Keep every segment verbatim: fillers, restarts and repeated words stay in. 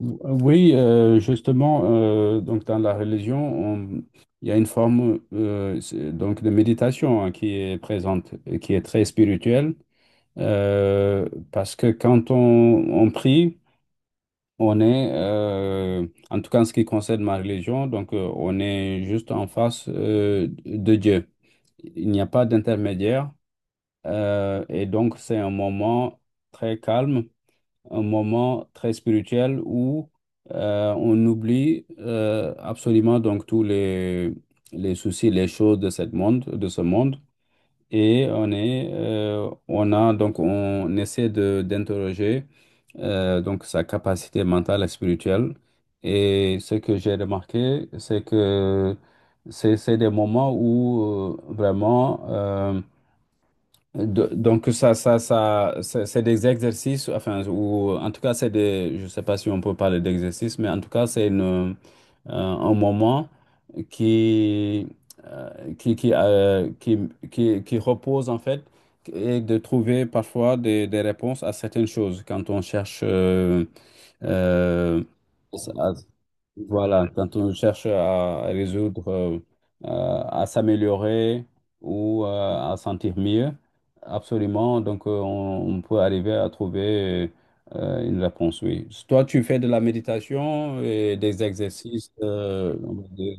Oui, euh, justement, euh, donc dans la religion, on- il y a une forme euh, c'est- donc de méditation hein, qui est présente, et qui est très spirituelle, euh, parce que quand on, on prie, on est, euh, en tout cas en ce qui concerne ma religion, donc euh, on est juste en face euh, de Dieu. Il n'y a pas d'intermédiaire, euh, et donc c'est un moment très calme, un moment très spirituel où euh, on oublie euh, absolument donc tous les, les soucis, les choses de cette monde, de ce monde. Et on est, euh, on a donc on essaie de d'interroger euh, donc sa capacité mentale et spirituelle. Et ce que j'ai remarqué, c'est que c'est c'est des moments où euh, vraiment euh, de- donc ça, ça, ça, c'est c'est des exercices, enfin, ou en tout cas, c'est des, je sais pas si on peut parler d'exercices, mais en tout cas, c'est une, euh, un moment qui, euh, qui, qui, euh, qui, qui, qui repose en fait et de trouver parfois des, des réponses à certaines choses quand on cherche euh, euh, voilà, quand on cherche à résoudre, euh, euh, à s'améliorer ou euh, à sentir mieux, absolument, donc euh, on, on peut arriver à trouver euh, une réponse, oui. Toi, tu fais de la méditation et des exercices, euh, on va dire.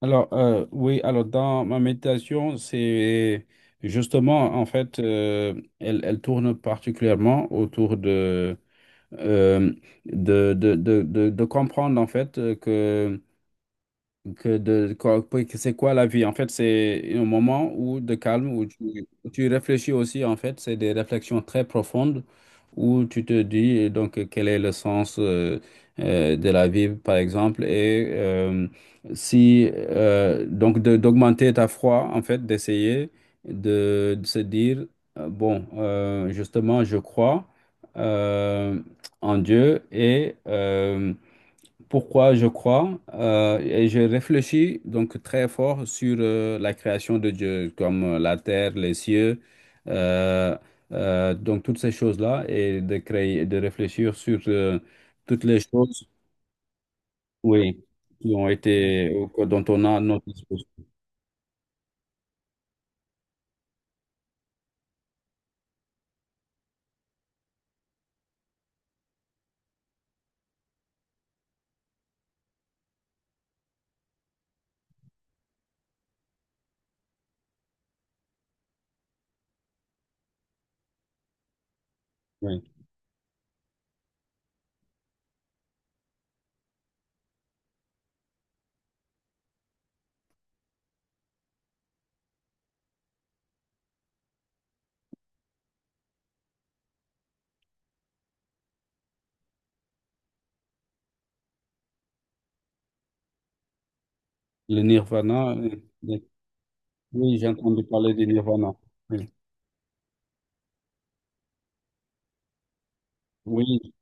Alors, euh, oui, alors dans ma méditation, c'est justement, en fait, euh, elle, elle tourne particulièrement autour de. euh, de, de, de, de, de comprendre en fait euh, que que de, quoi- oui, que c'est quoi la vie? En fait, c'est un moment où, de calme où tu, où tu réfléchis aussi. En fait, c'est des réflexions très profondes où tu te dis euh, donc euh, quel est le sens euh, euh, de la vie, par exemple, et euh, si euh, donc de- d'augmenter ta foi, en fait, d'essayer de, de se dire euh, bon, euh, justement, je crois euh, en Dieu et euh, pourquoi je crois euh, et je réfléchis donc très fort sur euh, la création de Dieu, comme euh, la terre, les cieux, euh, euh, donc toutes ces choses-là, et de créer, de réfléchir sur euh, toutes les choses, oui, qui ont été, ou- dont on a à notre disposition. Oui. Le nirvana, euh, oui, j'ai entendu parler du nirvana. Oui, oui,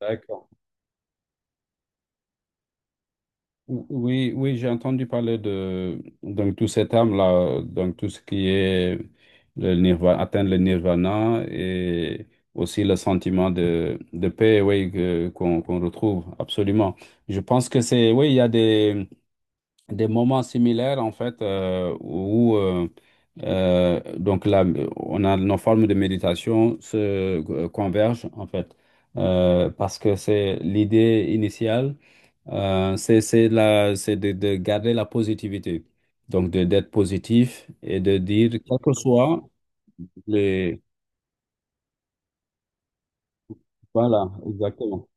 d'accord. Ou- Oui, oui, j'ai entendu parler de donc tout cet âme-là, donc tout ce qui est le nirvana, atteindre le nirvana et aussi le sentiment de, de paix, oui, que- qu'on qu'on retrouve absolument. Je pense que c'est, oui, il y a des, des moments similaires en fait euh, où euh, euh, donc là, on a nos formes de méditation se euh, convergent en fait. Euh, parce que c'est l'idée initiale, euh, c'est c'est la, c'est de, de garder la positivité, donc de d'être positif et de dire quel que soit les, voilà, exactement.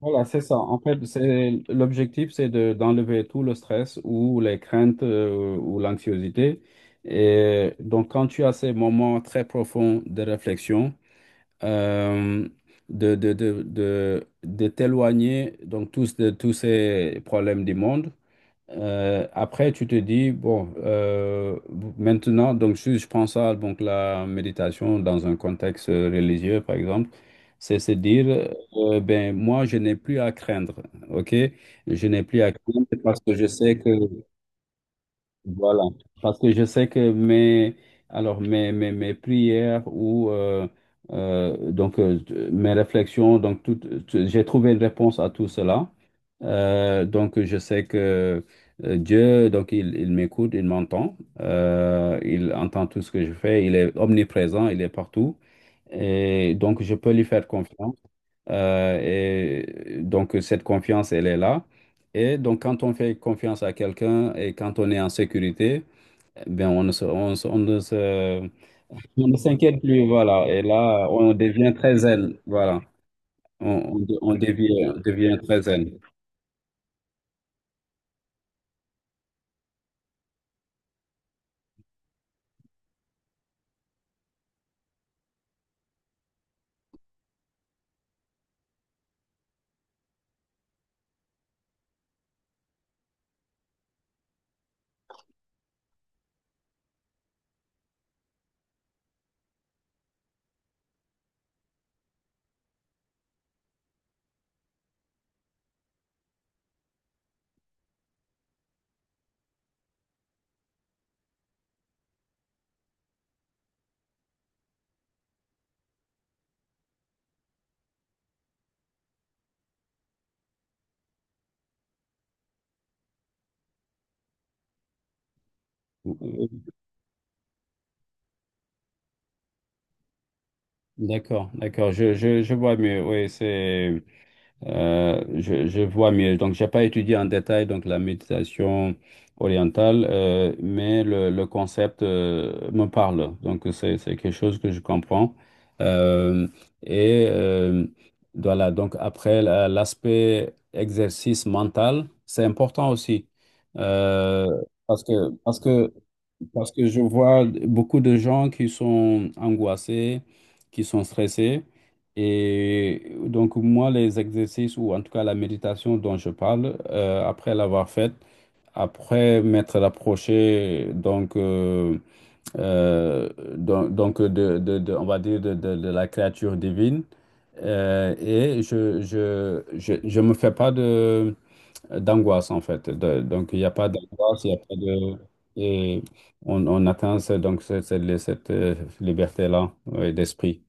Voilà, c'est ça. En fait, c'est l'objectif, c'est de d'enlever tout le stress ou les craintes euh, ou l'anxiété. Et donc, quand tu as ces moments très profonds de réflexion euh, de, de, de, de, de t'éloigner donc tous de tous ces problèmes du monde. Euh, après, tu te dis, bon, euh, maintenant, donc si je prends ça, donc la méditation dans un contexte religieux, par exemple, c'est se dire, euh, ben moi, je n'ai plus à craindre, ok? Je n'ai plus à craindre parce que je sais que voilà, parce que je sais que mes, alors mes, mes, mes prières ou euh, euh, donc euh, mes réflexions, donc tout, tout- j'ai trouvé une réponse à tout cela. Euh, donc je sais que euh, Dieu, donc il, il m'écoute, il m'entend, euh, il entend tout ce que je fais, il est omniprésent, il est partout, et donc je peux lui faire confiance. Euh, et donc cette confiance, elle est là. Et donc quand on fait confiance à quelqu'un et quand on est en sécurité, ben, on ne se, on se- on ne se- on ne s'inquiète plus, voilà. Et là, on devient très zen, voilà. On, on, de- on devient, on devient très zen. D'accord, d'accord, je, je, je vois mieux. Oui, c'est. Euh, je, je vois mieux. Donc, j'ai pas étudié en détail donc la méditation orientale, euh, mais le, le concept euh, me parle. Donc, c'est, c'est quelque chose que je comprends. Euh, et euh, voilà, donc après, la- l'aspect exercice mental, c'est important aussi. Euh, parce que, parce que parce que je vois beaucoup de gens qui sont angoissés, qui sont stressés. Et donc, moi, les exercices, ou en tout cas la méditation dont je parle, euh, après l'avoir faite, après m'être approché, donc, euh, euh, donc, donc de, de- de- on va dire, de, de- de la créature divine, euh, et je, je, je, je me fais pas de d'angoisse en fait. De- donc il n'y a pas d'angoisse, il n'y a pas de... Et on, on atteint ce- donc ce- ce- cette, euh, liberté-là, ouais, d'esprit.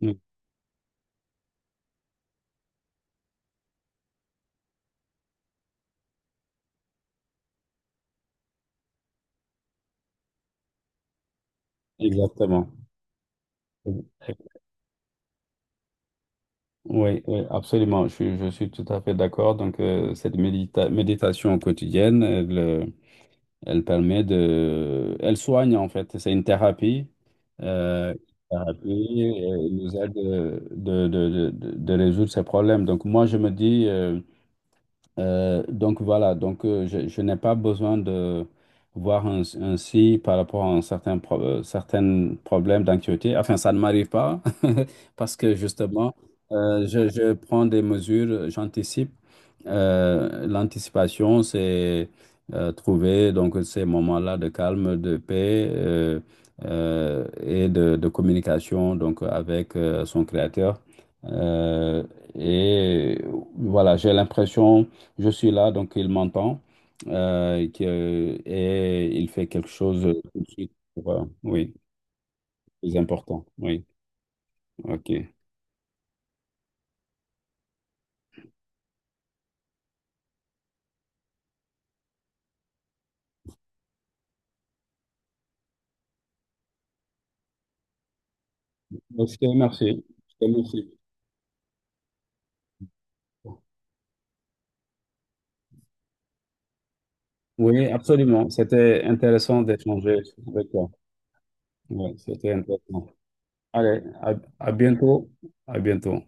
Mm. Exactement. Oui, oui, absolument. Je suis, je suis tout à fait d'accord. Donc, euh, cette médita- méditation quotidienne, elle permet de... Elle soigne en fait, c'est une thérapie. Euh, une thérapie, euh, elle nous aide euh, de, de, de, de- de résoudre ses problèmes. Donc moi, je me dis, euh, euh, donc voilà, donc euh, je, je n'ai pas besoin de voir un, un psy par rapport à un certain, pro- euh, certain problème d'anxiété. Enfin, ça ne m'arrive pas parce que justement, euh, je, je prends des mesures, j'anticipe. Euh, l'anticipation, c'est euh, trouver donc ces moments-là de calme, de paix euh, euh, et de, de communication donc avec euh, son créateur. Euh, et voilà, j'ai l'impression je suis là, donc il m'entend euh, que- et il fait quelque chose tout de suite, pour, euh, oui, c'est important. Oui, ok. Donc, je te remercie. Je te remercie. Oui, absolument. C'était intéressant d'échanger avec toi. Oui, c'était intéressant. Allez, à à bientôt. À bientôt.